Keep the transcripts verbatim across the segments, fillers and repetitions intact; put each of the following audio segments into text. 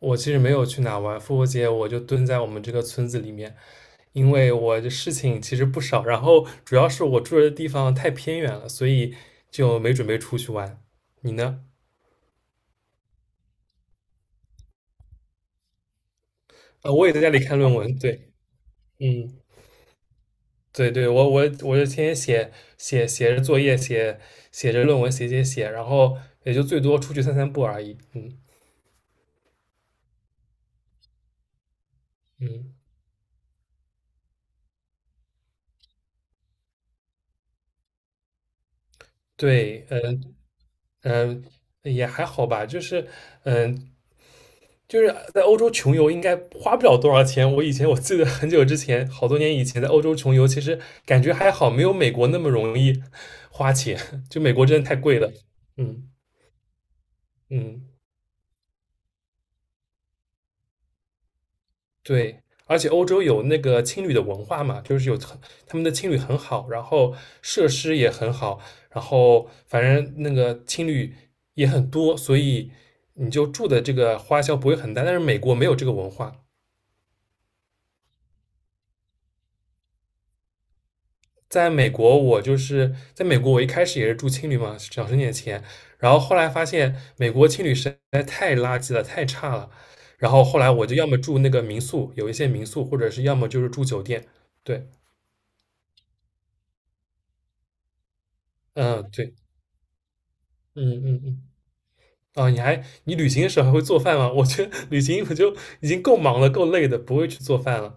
我其实没有去哪玩，复活节我就蹲在我们这个村子里面，因为我的事情其实不少，然后主要是我住的地方太偏远了，所以就没准备出去玩。你呢？呃，我也在家里看论文，对，嗯。对对，我我我就天天写写写着作业，写写着论文，写写写，然后也就最多出去散散步而已，嗯。嗯，对，嗯嗯。也还好吧，就是，嗯，就是在欧洲穷游应该花不了多少钱。我以前我记得很久之前，好多年以前在欧洲穷游，其实感觉还好，没有美国那么容易花钱。就美国真的太贵了。嗯嗯，对。而且欧洲有那个青旅的文化嘛，就是有很他们的青旅很好，然后设施也很好，然后反正那个青旅也很多，所以你就住的这个花销不会很大。但是美国没有这个文化。在美国，我就是在美国，我一开始也是住青旅嘛，省省点钱，然后后来发现美国青旅实在太垃圾了，太差了，然后后来我就要么住那个民宿，有一些民宿，或者是要么就是住酒店。对，嗯，对，嗯嗯嗯，啊，你还你旅行的时候还会做饭吗？我觉得旅行我就已经够忙了，够累的，不会去做饭了。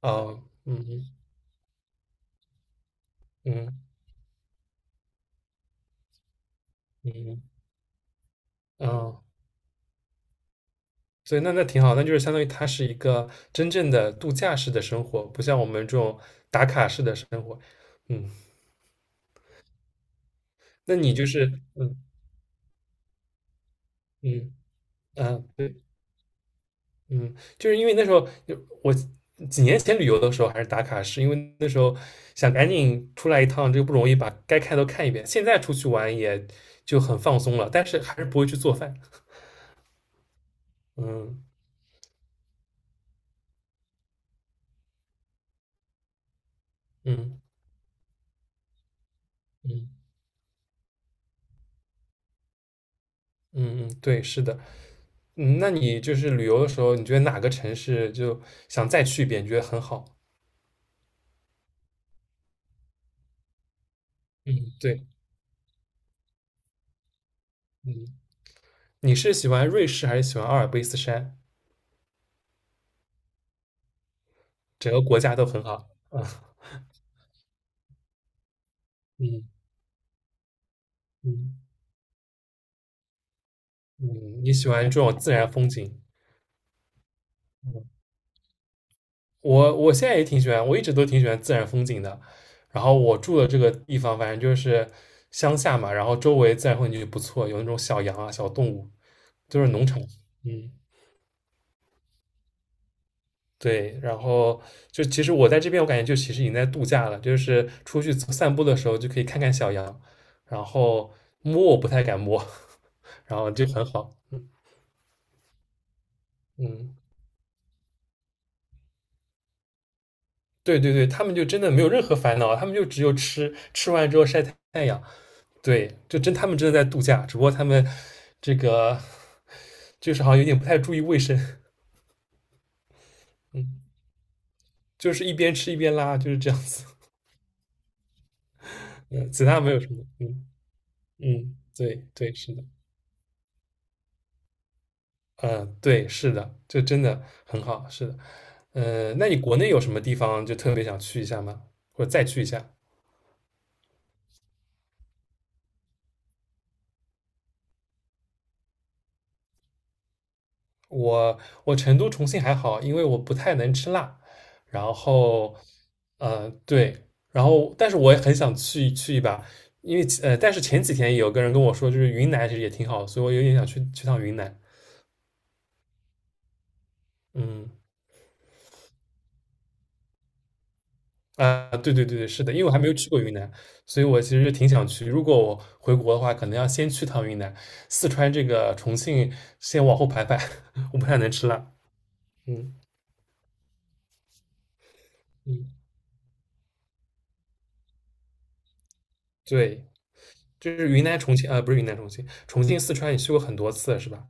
啊，嗯嗯嗯嗯嗯。所以那那挺好，那就是相当于它是一个真正的度假式的生活，不像我们这种打卡式的生活。嗯。那你就是嗯嗯啊对嗯，就是因为那时候就我几年前旅游的时候还是打卡式，因为那时候想赶紧出来一趟，这个不容易，把该看都看一遍。现在出去玩也就很放松了，但是还是不会去做饭。嗯嗯嗯嗯嗯，对，是的。嗯，那你就是旅游的时候，你觉得哪个城市就想再去一遍，你觉得很好？嗯，对，嗯，你是喜欢瑞士还是喜欢阿尔卑斯山？整个国家都很好。嗯嗯嗯。你喜欢这种自然风景？嗯，我我现在也挺喜欢，我一直都挺喜欢自然风景的。然后我住的这个地方，反正就是乡下嘛，然后周围自然风景就不错，有那种小羊啊、小动物，就是农场。嗯。对，然后就其实我在这边，我感觉就其实已经在度假了，就是出去走散步的时候就可以看看小羊，然后摸我不太敢摸，然后就很好。嗯，对对对，他们就真的没有任何烦恼，他们就只有吃，吃完之后晒太阳。对，就真他们真的在度假，只不过他们这个就是好像有点不太注意卫生，嗯，就是一边吃一边拉，就是这样子。嗯，其他没有什么。嗯嗯，对对，是的。嗯，对，是的，这真的很好，是的。呃，那你国内有什么地方就特别想去一下吗？或者再去一下？我我成都、重庆还好，因为我不太能吃辣，然后，呃，对，然后但是我也很想去去一把，因为呃，但是前几天有个人跟我说，就是云南其实也挺好的所以我有点想去去趟云南，嗯。啊，对对对对，是的，因为我还没有去过云南，所以我其实挺想去。如果我回国的话，可能要先去趟云南、四川这个重庆，先往后排排。我不太能吃辣。嗯嗯，对，就是云南、重庆，啊，不是云南、重庆，重庆、四川，你去过很多次了是吧？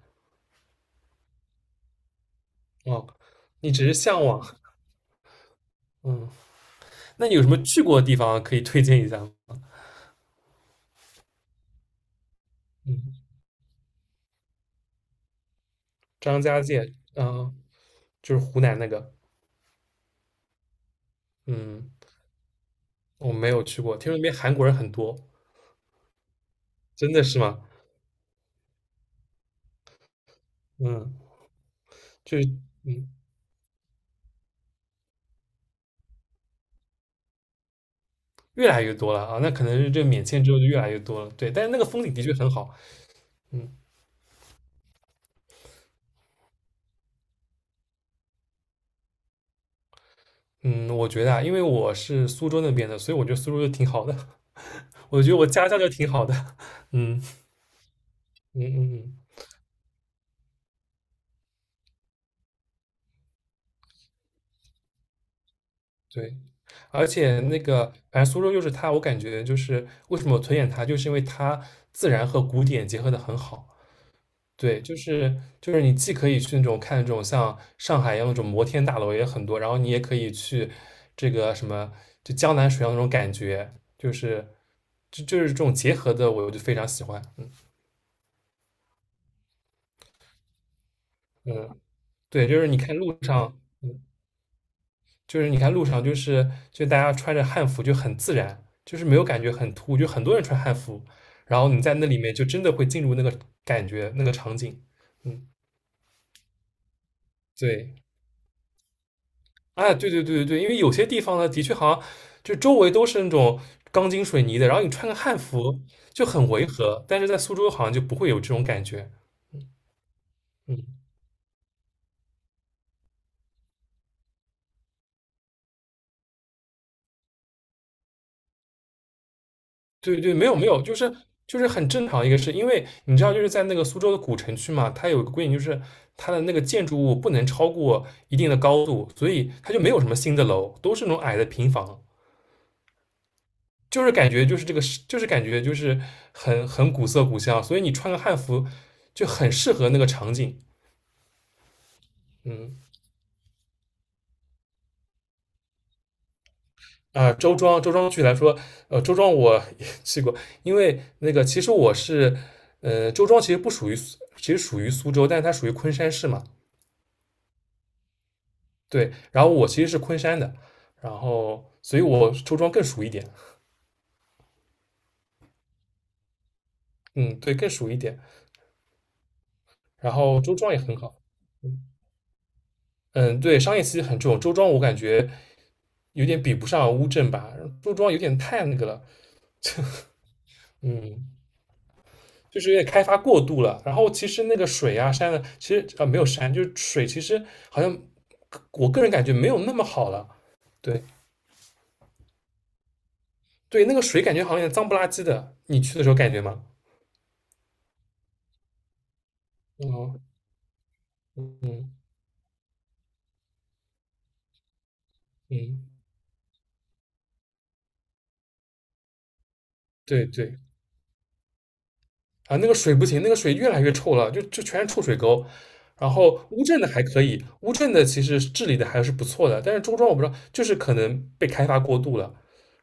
哦，你只是向往。嗯，那你有什么去过的地方可以推荐一下吗？嗯，张家界，嗯，就是湖南那个。嗯，我没有去过，听说那边韩国人很多，真的是吗？嗯，就是。嗯越来越多了啊，那可能是这个免签之后就越来越多了。对，但是那个风景的确很好。嗯嗯，我觉得啊，因为我是苏州那边的，所以我觉得苏州就挺好的。我觉得我家乡就挺好的。嗯嗯嗯嗯，对。而且那个，反正苏州就是它，我感觉就是为什么我推荐它，就是因为它自然和古典结合的很好。对，就是就是你既可以去那种看那种像上海一样那种摩天大楼也很多，然后你也可以去这个什么就江南水乡那种感觉，就是就就是这种结合的，我就非常喜欢。嗯嗯，对，就是你看路上，嗯，就是你看路上，就是就大家穿着汉服就很自然，就是没有感觉很突兀，就很多人穿汉服，然后你在那里面就真的会进入那个感觉那个场景。嗯，对。哎，对对对对对，因为有些地方呢，的确好像就周围都是那种钢筋水泥的，然后你穿个汉服就很违和，但是在苏州好像就不会有这种感觉。嗯，对对，没有没有，就是就是很正常一个事，因为你知道就是在那个苏州的古城区嘛，它有个规定，就是它的那个建筑物不能超过一定的高度，所以它就没有什么新的楼，都是那种矮的平房。就是感觉就是这个是，就是感觉就是很很古色古香，所以你穿个汉服就很适合那个场景。嗯，啊，周庄，周庄具体来说，呃，周庄我也去过，因为那个其实我是，呃，周庄其实不属于苏其实属于苏州，但是它属于昆山市嘛，对，然后我其实是昆山的，然后所以我周庄更熟一点，嗯，对，更熟一点，然后周庄也很好，嗯，对，商业气息很重，周庄我感觉有点比不上乌镇吧，周庄有点太那个了，嗯，就是有点开发过度了，然后其实那个水啊山啊，其实啊、呃没有山，就是水，其实好像我个人感觉没有那么好了。对对，那个水感觉好像有点脏不拉几的，你去的时候感觉吗？嗯嗯嗯，对对啊，那个水不行，那个水越来越臭了，就就全是臭水沟。然后乌镇的还可以，乌镇的其实治理的还是不错的，但是周庄我不知道，就是可能被开发过度了，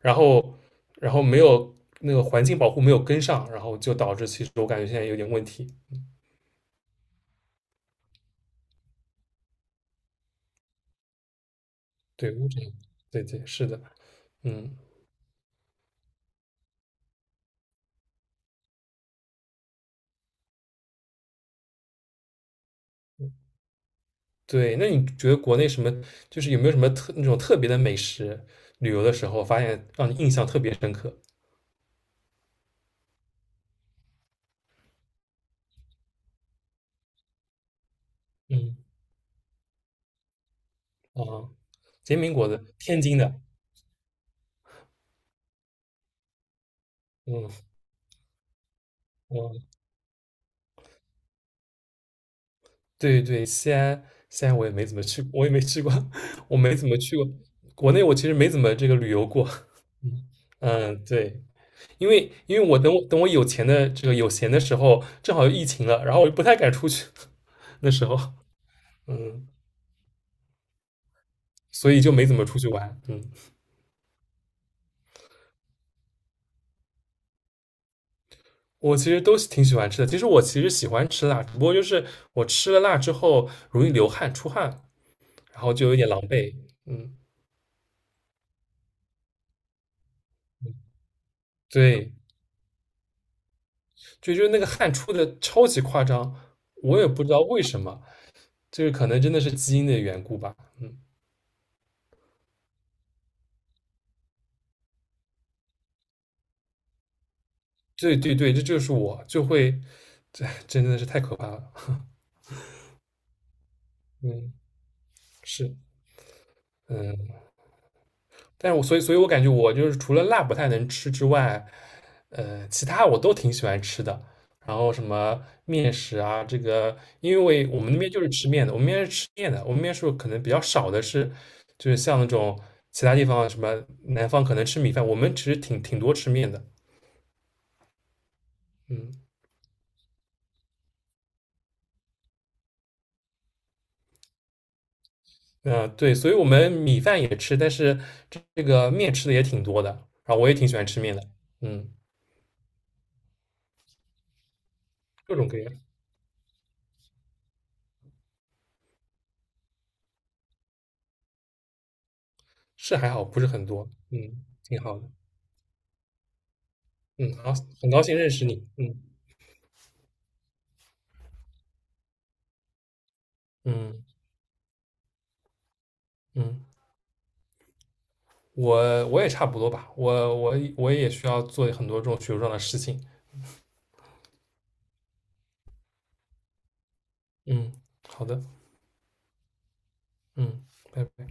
然后然后没有那个环境保护没有跟上，然后就导致其实我感觉现在有点问题。对乌镇，对对是的，嗯。对，那你觉得国内什么，就是有没有什么特那种特别的美食？旅游的时候发现让你印象特别深刻。嗯，啊，煎饼果子，天津的。嗯嗯，对对，西安西安我也没怎么去，我也没去过，我没怎么去过。国内我其实没怎么这个旅游过。嗯嗯，对，因为因为我等我等我有钱的这个有闲的时候，正好又疫情了，然后我就不太敢出去，那时候，嗯，所以就没怎么出去玩。嗯。我其实都挺喜欢吃的。其实我其实喜欢吃辣，只不过就是我吃了辣之后容易流汗出汗，然后就有点狼狈。嗯，对，就就是那个汗出的超级夸张，我也不知道为什么，就是可能真的是基因的缘故吧。嗯，对对对，这就是我就会真的是太可怕了。嗯，是，嗯。但是我所以，所以我感觉我就是除了辣不太能吃之外，呃，其他我都挺喜欢吃的。然后什么面食啊，这个，因为我们那边就是吃面的，我们那边是吃面的，我们那边是可能比较少的是，就是像那种其他地方什么南方可能吃米饭，我们其实挺挺多吃面的，嗯嗯、呃对，所以我们米饭也吃，但是这这个面吃的也挺多的，然后我也挺喜欢吃面的，嗯，各种各样，是还好，不是很多，嗯，挺好的。嗯，好，很高兴认识你。嗯嗯嗯，我我也差不多吧，我我我也需要做很多这种学术上的事情。嗯，好的，嗯，拜拜。